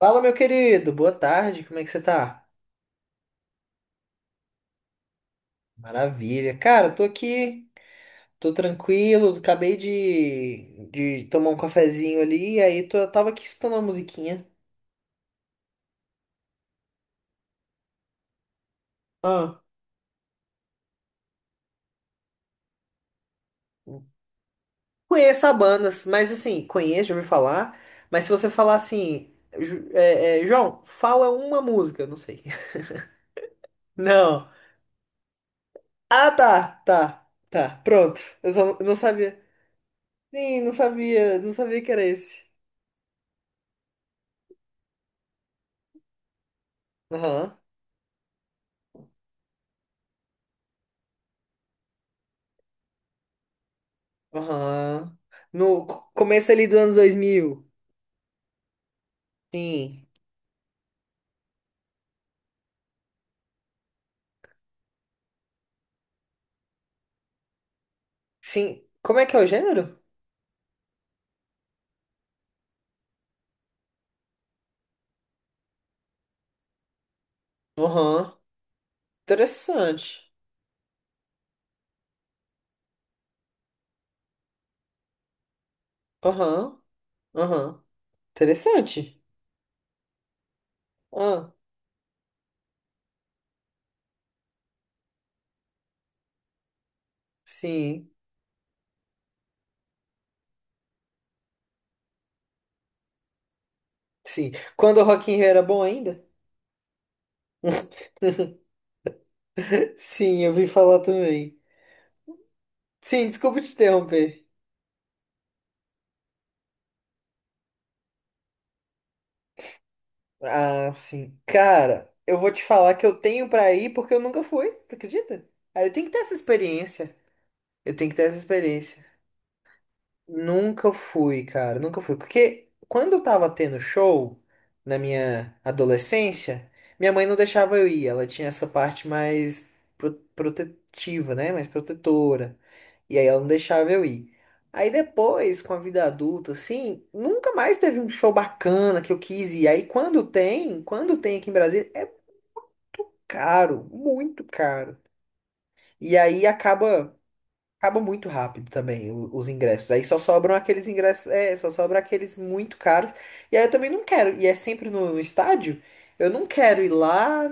Fala, meu querido, boa tarde, como é que você tá? Maravilha. Cara, tô aqui, tô tranquilo, acabei de tomar um cafezinho ali, aí tava aqui escutando uma musiquinha. Ah. Conheço a banda, mas assim, conheço, já ouvi falar, mas se você falar assim, João, fala uma música, eu não sei. Não. Ah, tá, tá, tá, pronto. Eu só não sabia. Sim, não sabia, não sabia que era esse. Aham. Aham. No começo ali dos anos 2000. Sim. Sim. Como é que é o gênero? Aham. Interessante. Aham. Aham. Interessante. Ah, sim. Sim. Quando o Rock in Rio era bom ainda? Sim, eu vi falar também. Sim, desculpa te interromper. Ah, sim. Cara, eu vou te falar que eu tenho pra ir porque eu nunca fui, tu acredita? Aí eu tenho que ter essa experiência. Eu tenho que ter essa experiência. Nunca fui, cara, nunca fui. Porque quando eu tava tendo show na minha adolescência, minha mãe não deixava eu ir. Ela tinha essa parte mais protetiva, né? Mais protetora. E aí ela não deixava eu ir. Aí depois, com a vida adulta, assim, nunca mais teve um show bacana que eu quis ir. Aí quando tem aqui em Brasília, é caro, muito caro. E aí acaba. Acaba muito rápido também os ingressos. Aí só sobram aqueles ingressos, só sobram aqueles muito caros. E aí eu também não quero. E é sempre no estádio. Eu não quero ir lá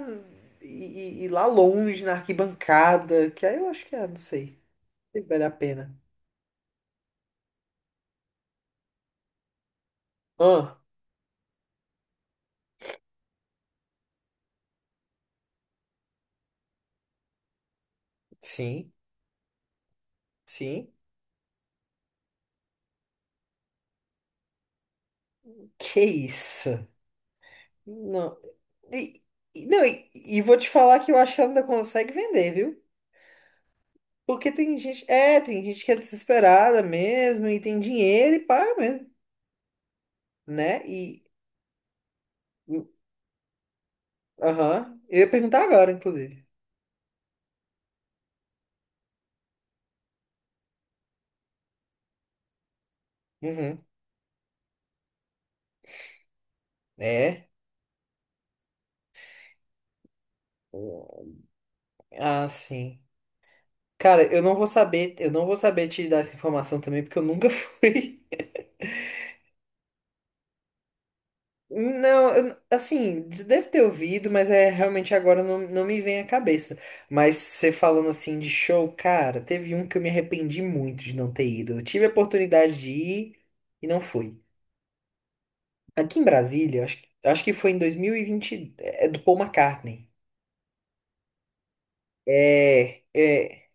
e ir lá longe na arquibancada, que aí eu acho que, ah, não sei, se vale a pena. Ah, sim, sim. Que isso? Não. E, não, e vou te falar que eu acho que ela ainda consegue vender, viu? Porque tem gente, tem gente que é desesperada mesmo e tem dinheiro e paga mesmo, né? Aham. Eu ia perguntar agora, inclusive. Uhum. É. Ah, sim. Cara, eu não vou saber te dar essa informação também, porque eu nunca fui. Não, assim, deve ter ouvido, mas é realmente agora não, não me vem à cabeça. Mas você falando assim de show, cara, teve um que eu me arrependi muito de não ter ido. Eu tive a oportunidade de ir e não fui. Aqui em Brasília, acho, acho que foi em 2020, é do Paul McCartney. É, é,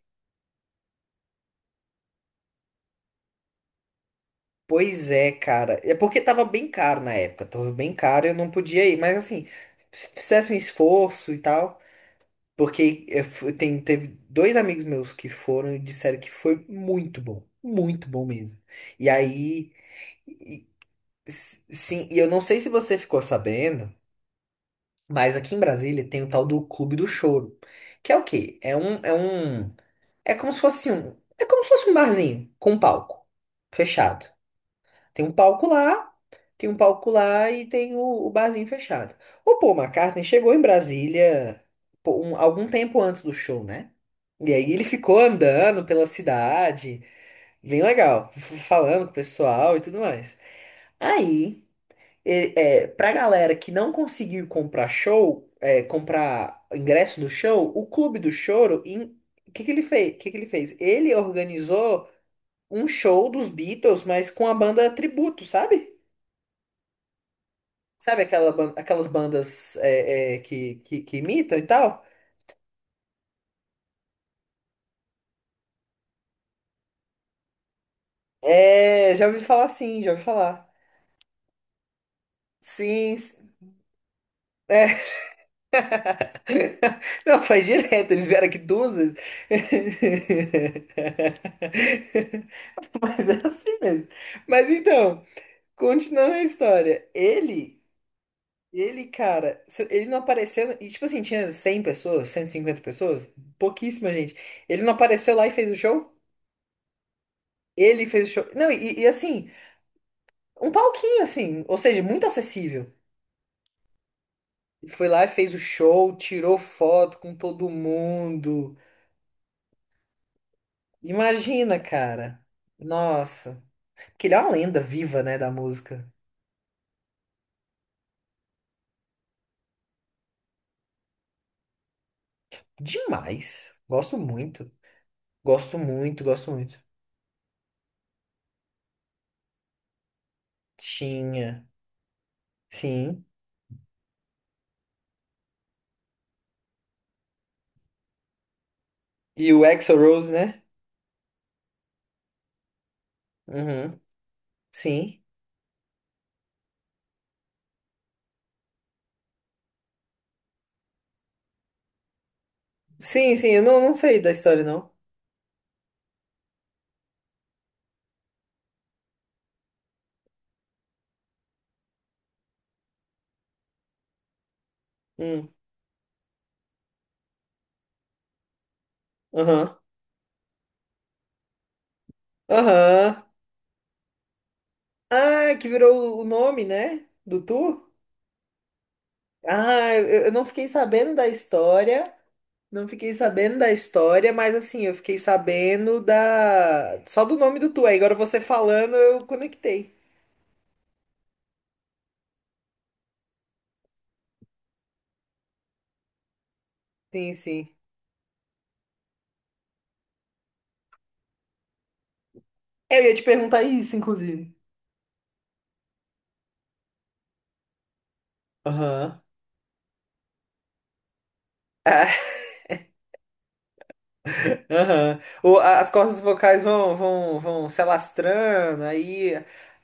Pois é, cara. É porque tava bem caro na época, tava bem caro, eu não podia ir, mas assim, se fizesse um esforço e tal, porque teve dois amigos meus que foram e disseram que foi muito bom mesmo. E aí, e- sim, e eu não sei se você ficou sabendo, mas aqui em Brasília tem o tal do Clube do Choro, que é o quê? É como se fosse um, é como se fosse um barzinho com um palco fechado. Tem um palco lá. Tem um palco lá e tem o barzinho fechado. O Paul McCartney chegou em Brasília, pô, algum tempo antes do show, né? E aí ele ficou andando pela cidade, bem legal, falando com o pessoal e tudo mais. Aí, pra galera que não conseguiu comprar show, comprar ingresso do show, o Clube do Choro, o que que ele fez? O que que ele fez? Ele organizou um show dos Beatles, mas com a banda tributo, sabe? Sabe aquelas bandas, que imitam e tal? É, já ouvi falar, sim, já ouvi falar. Sim, é. Não, faz direto, eles vieram aqui duas vezes. Mas é assim mesmo. Mas então, continuando a história. Ele, cara, ele não apareceu. E tipo assim, tinha 100 pessoas, 150 pessoas, pouquíssima gente. Ele não apareceu lá e fez o show? Ele fez o show. Não, e assim. Um palquinho, assim, ou seja, muito acessível. E foi lá e fez o show, tirou foto com todo mundo. Imagina, cara. Nossa. Porque ele é uma lenda viva, né, da música. Demais. Gosto muito. Gosto muito, gosto muito. Tinha. Sim. E o Axl Rose, né? Uhum. Sim. Sim, sim, eu não sei da história, não. Hum. Aham. Aham. Ah, que virou o nome, né? Do tour? Ah, eu não fiquei sabendo da história, não fiquei sabendo da história, mas assim, eu fiquei sabendo da só do nome do tu. Aí agora você falando, eu conectei. Sim, sim. Eu ia te perguntar isso, inclusive. Aham. Aham. As cordas vocais vão se alastrando, aí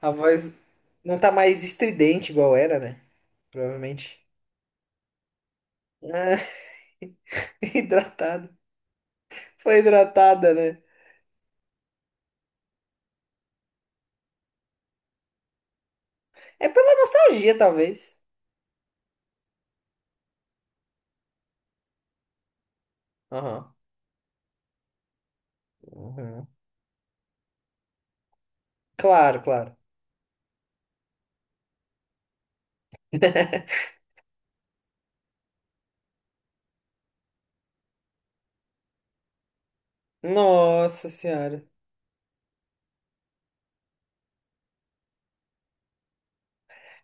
a voz não tá mais estridente igual era, né? Provavelmente. Ah, hidratada. Foi hidratada, né? É pela nostalgia, talvez. Aham. Uhum. Claro, claro. Nossa senhora.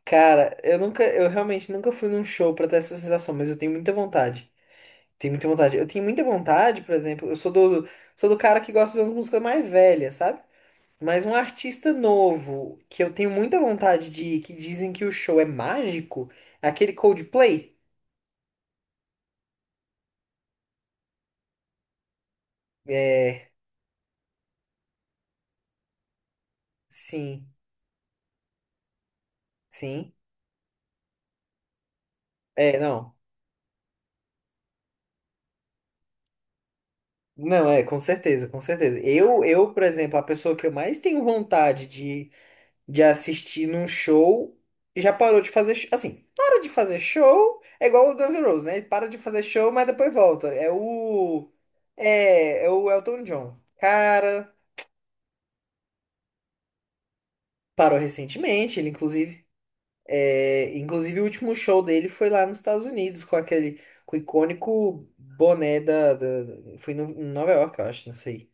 Cara, eu nunca, eu realmente nunca fui num show pra ter essa sensação, mas eu tenho muita vontade. Tenho muita vontade. Eu tenho muita vontade, por exemplo, eu sou do cara que gosta de umas músicas mais velhas, sabe? Mas um artista novo que eu tenho muita vontade de ir, que dizem que o show é mágico, é aquele Coldplay. É, sim, sim. É, não. Não, é, com certeza, com certeza. Por exemplo, a pessoa que eu mais tenho vontade de assistir num show e já parou de fazer. Assim, para de fazer show é igual o Guns N' Roses, né? Ele para de fazer show, mas depois volta. É o. É o Elton John. Cara, parou recentemente, ele inclusive. É, inclusive, o último show dele foi lá nos Estados Unidos, com aquele. Com o icônico boné da. Da- foi no, em Nova York, eu acho, não sei.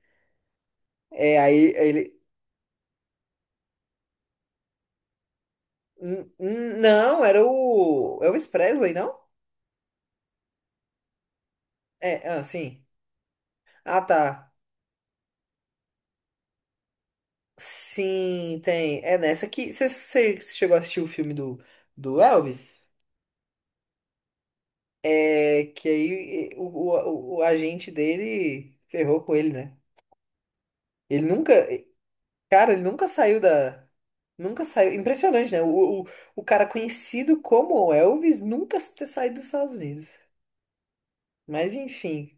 É, aí ele. Não, era o Elvis Presley, não? É, ah, sim. Ah, tá. Sim, tem. É nessa que. Você chegou a assistir o filme do Elvis? É que aí o agente dele ferrou com ele, né? Ele nunca. Cara, ele nunca saiu da. Nunca saiu. Impressionante, né? O cara conhecido como Elvis nunca ter saído dos Estados Unidos. Mas enfim,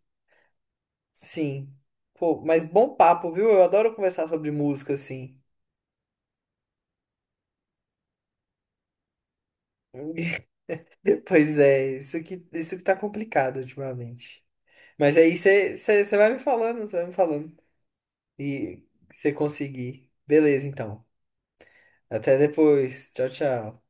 sim. Pô, mas bom papo, viu? Eu adoro conversar sobre música, assim. Pois é, isso que tá complicado ultimamente. Mas aí você você vai me falando, você vai me falando. E você conseguir. Beleza, então. Até depois. Tchau, tchau.